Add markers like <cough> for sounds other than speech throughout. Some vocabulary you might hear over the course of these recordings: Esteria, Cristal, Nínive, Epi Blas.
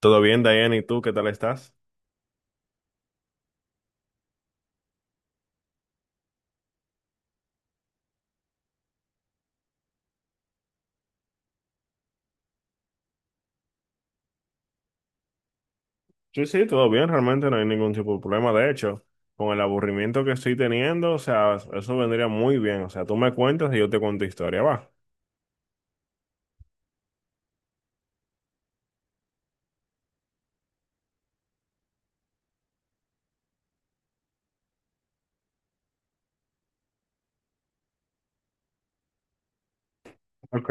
Todo bien, Diana, ¿y tú qué tal estás? Sí, sí, todo bien, realmente no hay ningún tipo de problema. De hecho, con el aburrimiento que estoy teniendo, o sea, eso vendría muy bien. O sea, tú me cuentas y yo te cuento historia, va. Ok,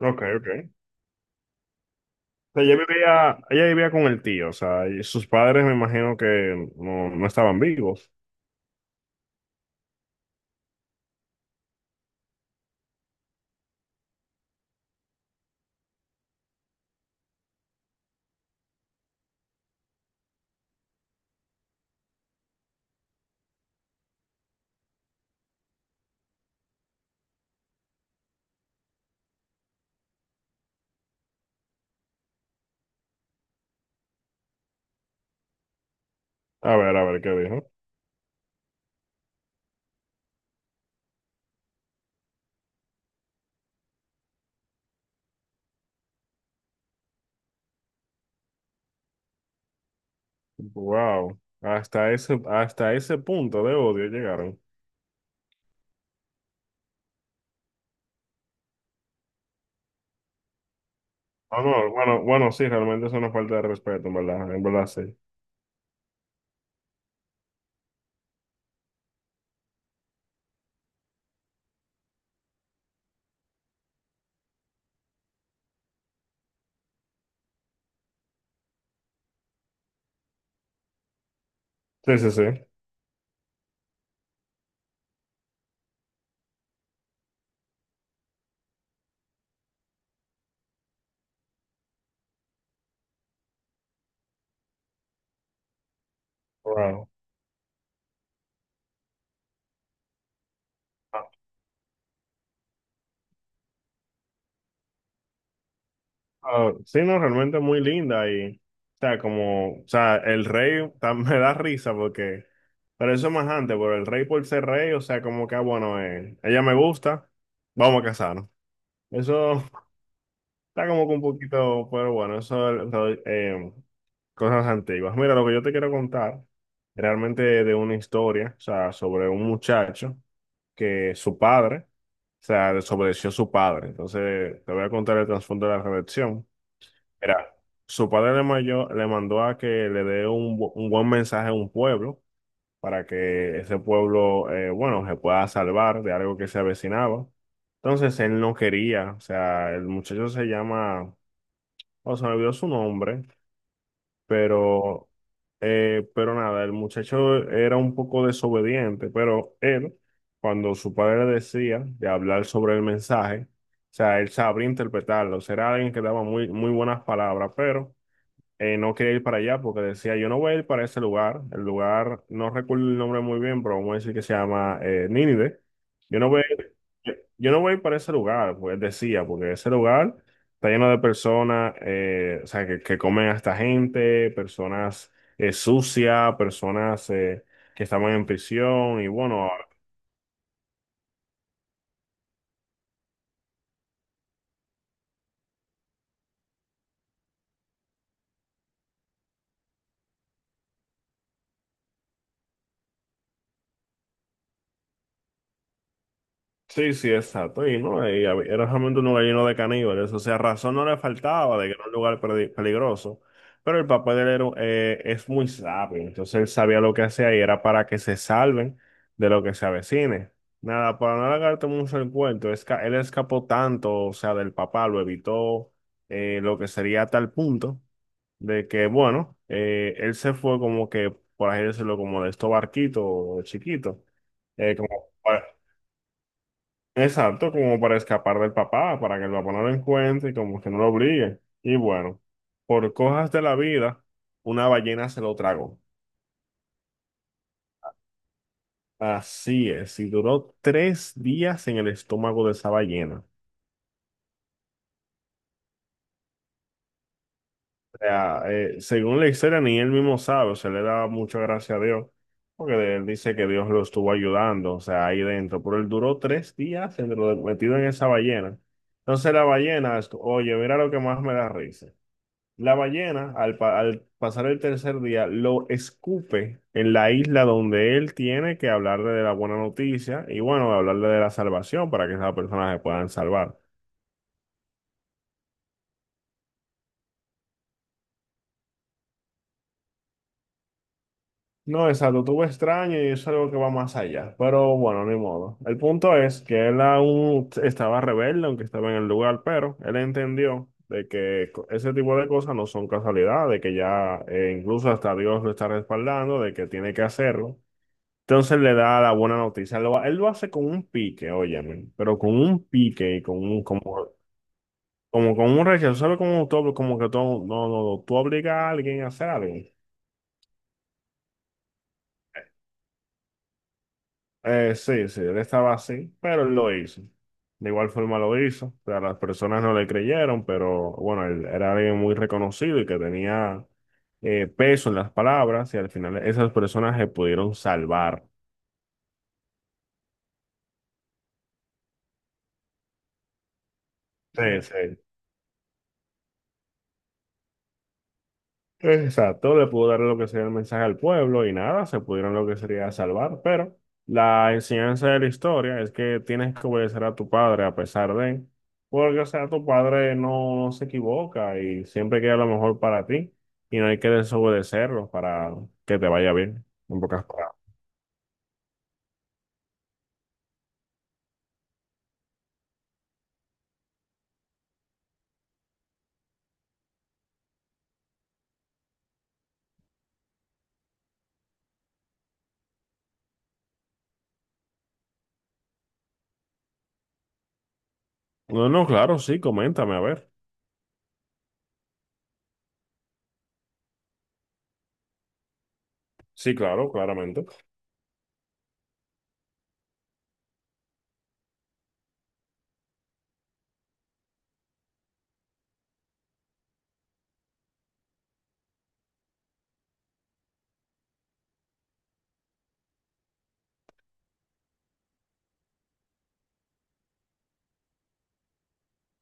ok, ok. O sea, ella vivía con el tío, o sea, y sus padres me imagino que no estaban vivos. A ver qué dijo. Wow, hasta ese punto de odio llegaron. Ah, no, bueno, bueno, sí, realmente es una falta de respeto, en verdad, sí. Sí, sí, sí. Wow. Ah, sí, no, realmente muy linda y, o sea, como, o sea, <laughs> me da risa porque, pero eso es más antes, pero el rey por ser rey, o sea, como que, ah, bueno, ella me gusta, vamos a casarnos. Eso <laughs> está como que un poquito, pero bueno, cosas antiguas. Mira, lo que yo te quiero contar, realmente de una historia, o sea, sobre un muchacho que su padre, o sea, desobedeció a su padre. Entonces, te voy a contar el trasfondo de la rebelión. Era, su padre le, le mandó a que le dé un, un buen mensaje a un pueblo para que ese pueblo, bueno, se pueda salvar de algo que se avecinaba. Entonces él no quería, o sea, el muchacho se llama, o sea, me olvidó su nombre, pero, pero nada, el muchacho era un poco desobediente, pero él, cuando su padre le decía de hablar sobre el mensaje, o sea, él sabría interpretarlo, será alguien que daba muy, muy buenas palabras, pero no quería ir para allá porque decía, yo no voy a ir para ese lugar. El lugar, no recuerdo el nombre muy bien, pero vamos a decir que se llama Nínive. Yo no voy a ir, yo no voy a ir para ese lugar, pues decía, porque ese lugar está lleno de personas, o sea, que comen a esta gente, personas sucias, personas que estaban en prisión y bueno, sí, sí, exacto. Y no, era realmente un lugar lleno de caníbales. O sea, razón no le faltaba de que era un lugar peligroso. Pero el papá de él era, es muy sabio. Entonces él sabía lo que hacía y era para que se salven de lo que se avecine. Nada, para no alargarte mucho el cuento, él escapó tanto, o sea, del papá, lo evitó, lo que sería a tal punto de que, bueno, él se fue como que, por así decirlo, como de estos barquitos chiquitos. Como Exacto, como para escapar del papá, para que el papá no lo encuentre y como que no lo obligue. Y bueno, por cosas de la vida, una ballena se lo tragó. Así es, y duró tres días en el estómago de esa ballena. O sea, según la historia, ni él mismo sabe, o sea, le da mucha gracia a Dios, porque él dice que Dios lo estuvo ayudando, o sea, ahí dentro, pero él duró tres días metido en esa ballena. Entonces la ballena, oye, mira lo que más me da risa. La ballena, al pasar el tercer día, lo escupe en la isla donde él tiene que hablarle de la buena noticia y bueno, hablarle de la salvación para que esas personas se puedan salvar. No, exacto, tuvo extraño y eso es algo que va más allá, pero bueno, ni modo. El punto es que él aún estaba rebelde, aunque estaba en el lugar, pero él entendió de que ese tipo de cosas no son casualidad, de que ya incluso hasta Dios lo está respaldando, de que tiene que hacerlo. Entonces le da la buena noticia. Él lo hace con un pique, óyeme, pero con un pique y con un, como, como con un rechazo, solo como todo como que todo no, no, no, tú obligas a alguien a hacer algo. Sí, sí, él estaba así, pero él lo hizo. De igual forma lo hizo. O sea, las personas no le creyeron, pero bueno, él era alguien muy reconocido y que tenía peso en las palabras y al final esas personas se pudieron salvar. Sí, sí. Exacto, le pudo dar lo que sería el mensaje al pueblo y nada, se pudieron lo que sería salvar, pero la enseñanza de la historia es que tienes que obedecer a tu padre a pesar de, porque o sea, tu padre no se equivoca y siempre queda lo mejor para ti y no hay que desobedecerlo para que te vaya bien, en pocas palabras. No, no, claro, sí, coméntame, a ver. Sí, claro, claramente.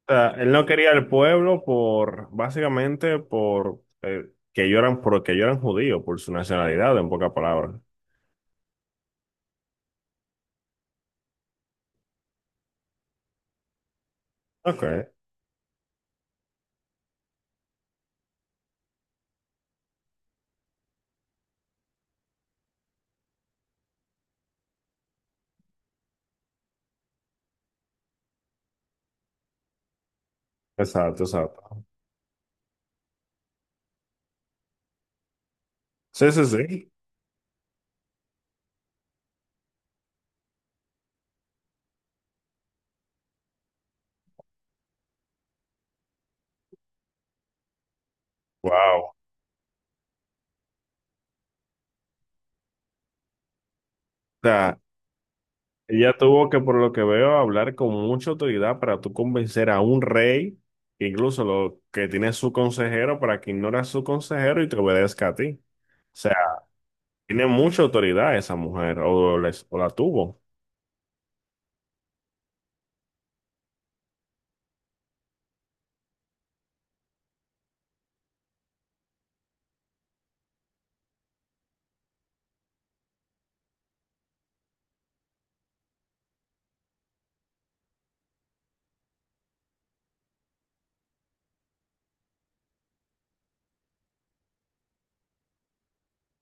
O sea, él no quería al pueblo por, básicamente, por que ellos eran, porque ellos eran judíos, por su nacionalidad, en pocas palabras. Ok, exacto, exacto. Sí, sí, sí. Wow. O sea, ella tuvo que, por lo que veo, hablar con mucha autoridad para tú convencer a un rey, que incluso lo que tiene su consejero, para que ignore a su consejero y te obedezca a ti. O sea, tiene mucha autoridad esa mujer, o la tuvo.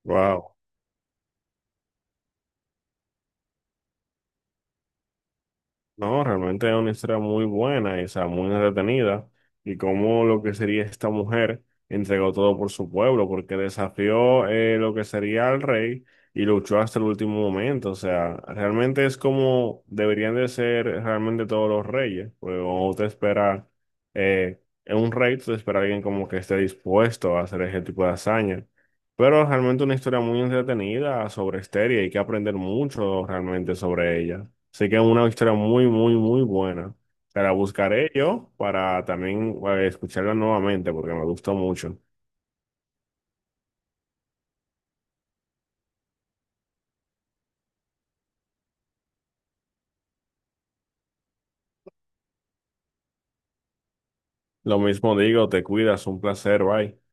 Wow. No, realmente es una historia muy buena, y, o sea, muy entretenida, y cómo lo que sería esta mujer entregó todo por su pueblo, porque desafió lo que sería al rey y luchó hasta el último momento, o sea, realmente es como deberían de ser realmente todos los reyes, porque cuando te espera eh, un rey, tú te espera alguien como que esté dispuesto a hacer ese tipo de hazaña. Pero realmente una historia muy entretenida sobre Esteria, hay que aprender mucho realmente sobre ella. Así que es una historia muy, muy, muy buena. Te la buscaré yo para también escucharla nuevamente porque me gustó mucho. Lo mismo digo, te cuidas, un placer, bye.